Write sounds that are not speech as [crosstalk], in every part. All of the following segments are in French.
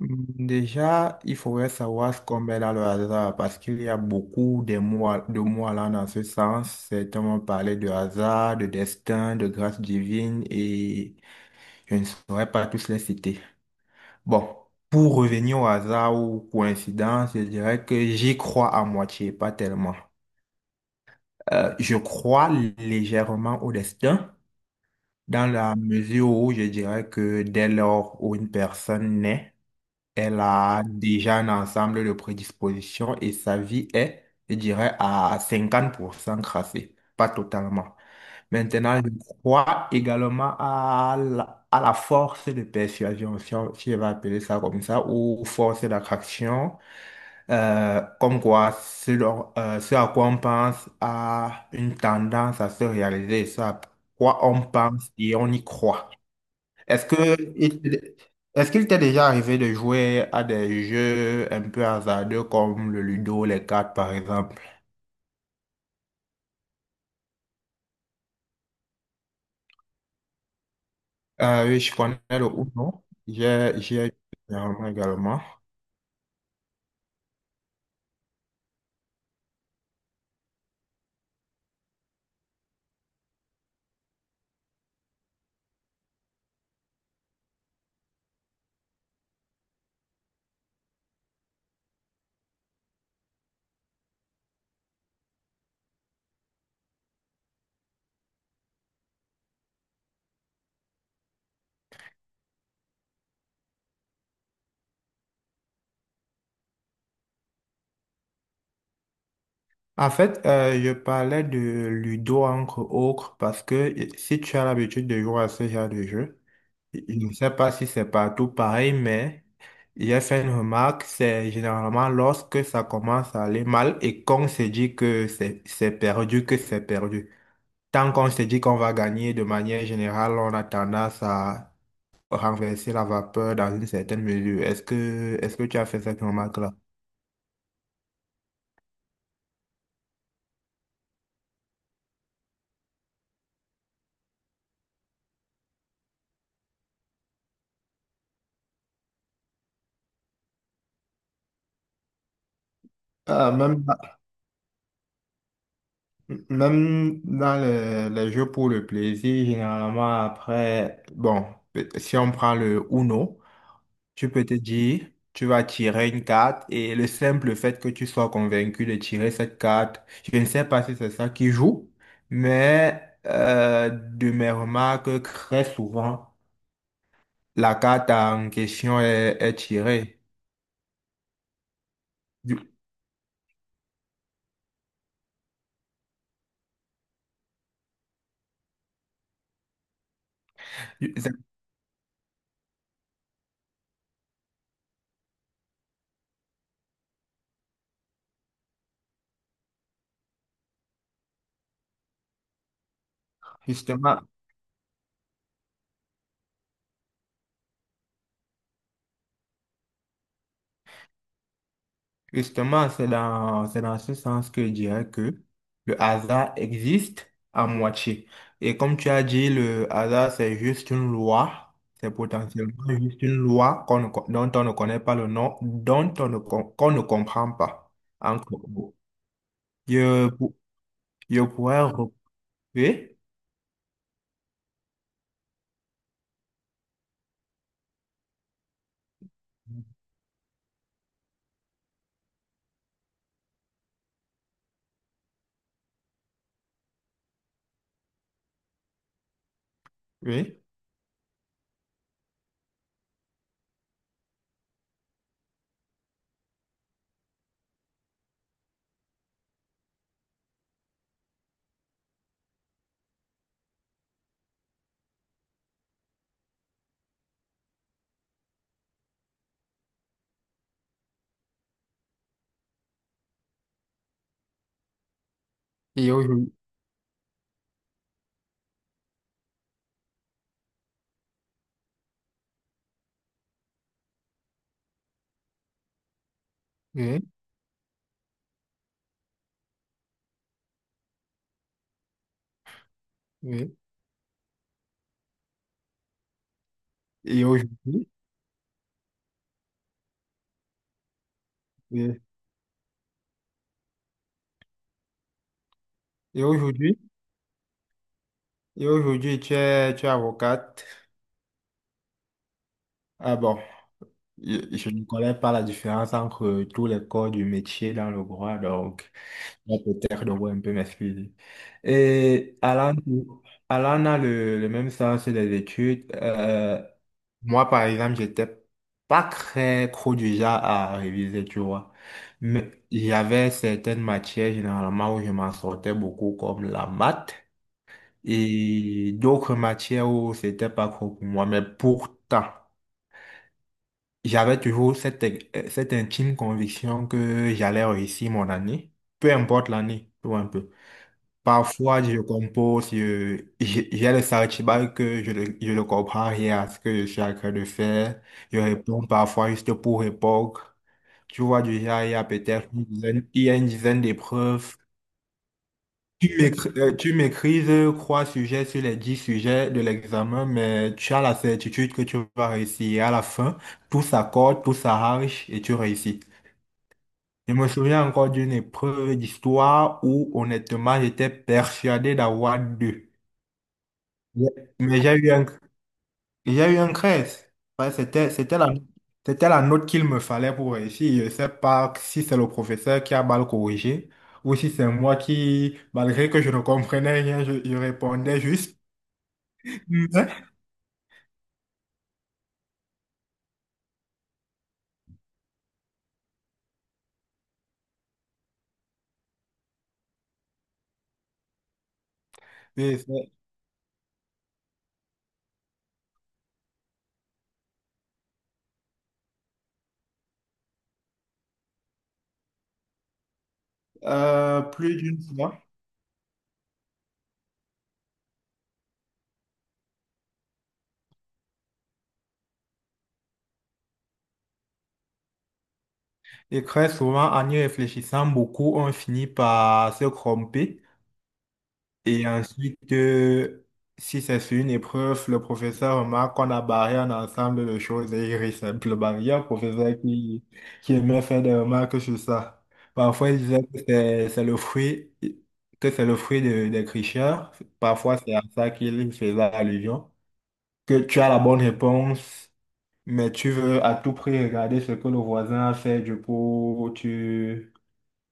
Déjà, il faudrait savoir ce qu'on met dans le hasard parce qu'il y a beaucoup de mots, de mots allant dans ce sens. Certains vont parler de hasard, de destin, de grâce divine et je ne saurais pas tous les citer. Bon, pour revenir au hasard ou coïncidence, je dirais que j'y crois à moitié, pas tellement. Je crois légèrement au destin dans la mesure où je dirais que dès lors où une personne naît, elle a déjà un ensemble de prédispositions et sa vie est, je dirais, à 50% crassée, pas totalement. Maintenant, je crois également à la force de persuasion, si on va appeler ça comme ça, ou force d'attraction, comme quoi ce, dont- ce à quoi on pense a une tendance à se réaliser, ce à quoi on pense et on y croit. Est-ce que il Est-ce qu'il t'est déjà arrivé de jouer à des jeux un peu hasardeux comme le Ludo, les cartes par exemple? Oui, je connais le Uno. J'ai généralement également. En fait, je parlais de Ludo entre autres parce que si tu as l'habitude de jouer à ce genre de jeu, je ne sais pas si c'est partout pareil, mais j'ai fait une remarque, c'est généralement lorsque ça commence à aller mal et qu'on se dit que c'est perdu, que c'est perdu. Tant qu'on se dit qu'on va gagner de manière générale, on a tendance à renverser la vapeur dans une certaine mesure. Est-ce que tu as fait cette remarque-là? Euh, même, Même dans les jeux pour le plaisir, généralement après, bon, si on prend le Uno, tu peux te dire, tu vas tirer une carte et le simple fait que tu sois convaincu de tirer cette carte, je ne sais pas si c'est ça qui joue, mais de mes remarques, très souvent, la carte en question est tirée. Du- du- c'est- Justement, Justement, c'est dans ce sens que je dirais que le hasard existe à moitié. Et comme tu as dit, le hasard, c'est juste une loi. C'est potentiellement juste une loi qu'on ne co- dont on ne connaît pas le nom, dont on ne, com- qu'on ne comprend pas. Encore. Je, pou- je pourrais recouper, oui, oui, et aujourd'hui, oui, oui, et aujourd'hui, oui, et aujourd'hui, et aujourd'hui, tu es avocate. Ah bon. Je ne connais pas la différence entre tous les corps du métier dans le droit, donc moi, peut-être devrais un peu m'excuser. Et Alan, Alan a le même sens des études. Moi, par exemple, j'étais pas très trop du genre à réviser, tu vois. Mais j'avais certaines matières généralement où je m'en sortais beaucoup, comme la maths, et d'autres matières où c'était pas trop pour moi. Mais pourtant, j'avais toujours cette, cette intime conviction que j'allais réussir mon année, peu importe l'année, tout un peu. Parfois, je compose, j'ai le sentiment que je ne comprends rien à ce que je suis en train de faire. Je réponds parfois juste pour répondre. Tu vois, déjà, il y a une dizaine d'épreuves. Tu maîtrises trois sujets sur les dix sujets de l'examen, mais tu as la certitude que tu vas réussir. Et à la fin, tout s'accorde, tout s'arrange et tu réussis. Je me souviens encore d'une épreuve d'histoire où, honnêtement, j'étais persuadé d'avoir deux. Yeah. Mais j'ai eu un crèse. Ouais, c'était la note qu'il me fallait pour réussir. Je ne sais pas si c'est le professeur qui a mal corrigé ou si c'est moi qui, malgré que je ne comprenais rien, je répondais juste. Mm. Oui, plus d'une fois. Et très souvent, en y réfléchissant beaucoup, on finit par se tromper. Et ensuite, si c'est sur une épreuve, le professeur remarque qu'on a barré un ensemble de choses et il rit simplement. Il y a un professeur qui aimait faire des remarques sur ça. Parfois, il disait que c'est le fruit, que c'est le fruit des tricheurs. Parfois, c'est à ça qu'il faisait allusion. Que tu as la bonne réponse. Mais tu veux à tout prix regarder ce que le voisin a fait, du coup, tu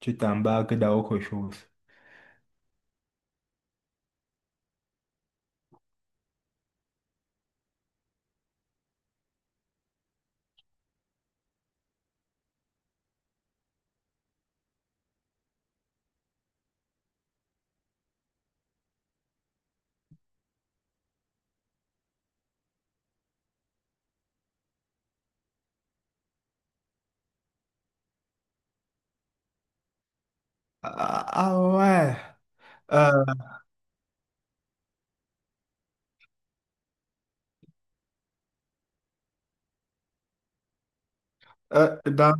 tu t'embarques dans autre chose. Ah, ah ouais. Euh, euh, dans,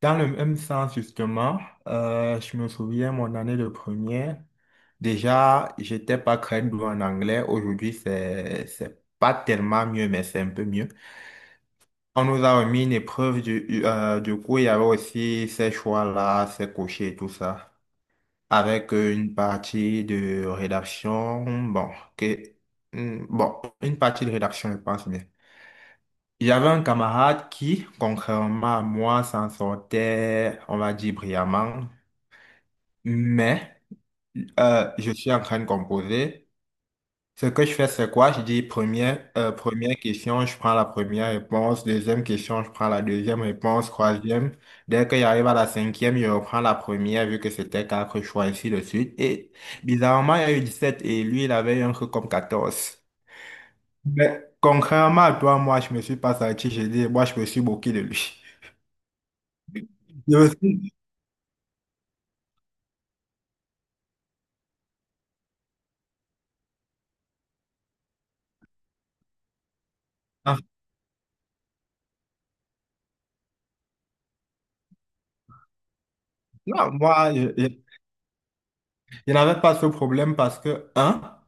Dans le même sens, justement, je me souviens, mon année de première, déjà, j'étais pas très doué en anglais. Aujourd'hui, c'est pas tellement mieux, mais c'est un peu mieux. On nous a remis une épreuve, du coup, il y avait aussi ces choix-là, ces cochers et tout ça, avec une partie de rédaction, que, bon, une partie de rédaction, je pense bien. Il y avait un camarade qui, contrairement à moi, s'en sortait, on va dire, brillamment, mais je suis en train de composer. Ce que je fais, c'est quoi? Je dis première question, je prends la première réponse. Deuxième question, je prends la deuxième réponse. Troisième. Dès que j'arrive à la cinquième, je reprends la première vu que c'était quatre choix, ainsi de suite. Et bizarrement, il y a eu 17 et lui, il avait eu un truc comme quatorze. Mais contrairement à toi, moi, je me suis pas sorti j'ai dit, moi, je me suis moqué de lui. Je me suis- Ah, non, je n'avais pas ce problème parce que, hein?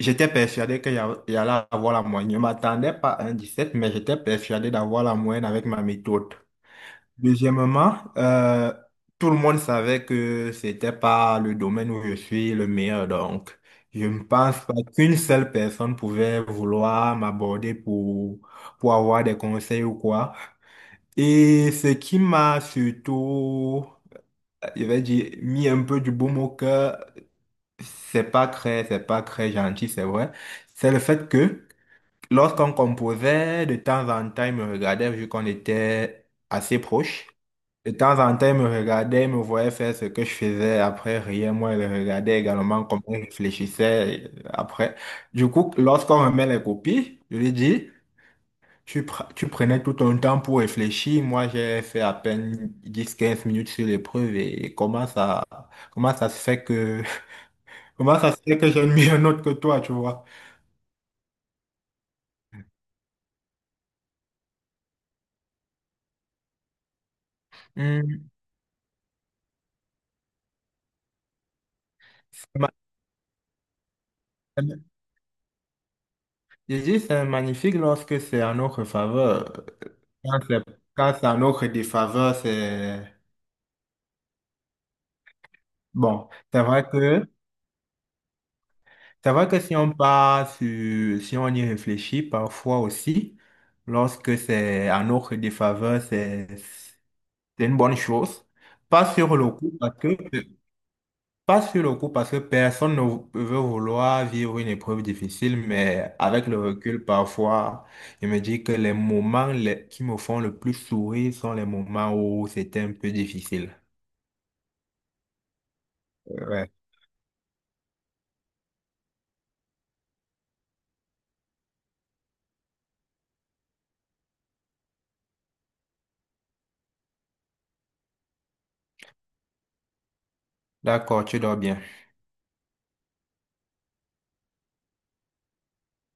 J'étais persuadé que y a- il y allait avoir la moyenne. Je ne m'attendais pas à un 17 mais j'étais persuadé d'avoir la moyenne avec ma méthode. Deuxièmement, tout le monde savait que c'était pas le domaine où je suis le meilleur, donc je ne pense pas qu'une seule personne pouvait vouloir m'aborder pour avoir des conseils ou quoi. Et ce qui m'a surtout, je vais dire, mis un peu du baume au cœur, c'est pas très gentil, c'est vrai. C'est le fait que lorsqu'on composait, de temps en temps, il me regardait vu qu'on était assez proches. De temps en temps, il me regardait, il me voyait faire ce que je faisais. Après, rien, moi, il le regardait également comment il réfléchissait après. Du coup, lorsqu'on remet les copies, je lui dis, tu prenais tout ton temps pour réfléchir. Moi, j'ai fait à peine 10-15 minutes sur l'épreuve et comment ça se fait que, [laughs] comment ça se fait que j'ai mis un autre que toi, tu vois. Hmm. Je dis, c'est magnifique lorsque c'est en notre faveur. Quand c'est Quand c'est en notre défaveur, c'est bon. C'est vrai que si on part sur, si on y réfléchit parfois aussi, lorsque c'est en notre défaveur, c'est une bonne chose. Pas sur le coup, parce que Pas sur le coup, parce que personne ne vou- veut vouloir vivre une épreuve difficile, mais avec le recul, parfois, je me dis que qui me font le plus sourire sont les moments où c'était un peu difficile. Ouais. D'accord, tu dors bien.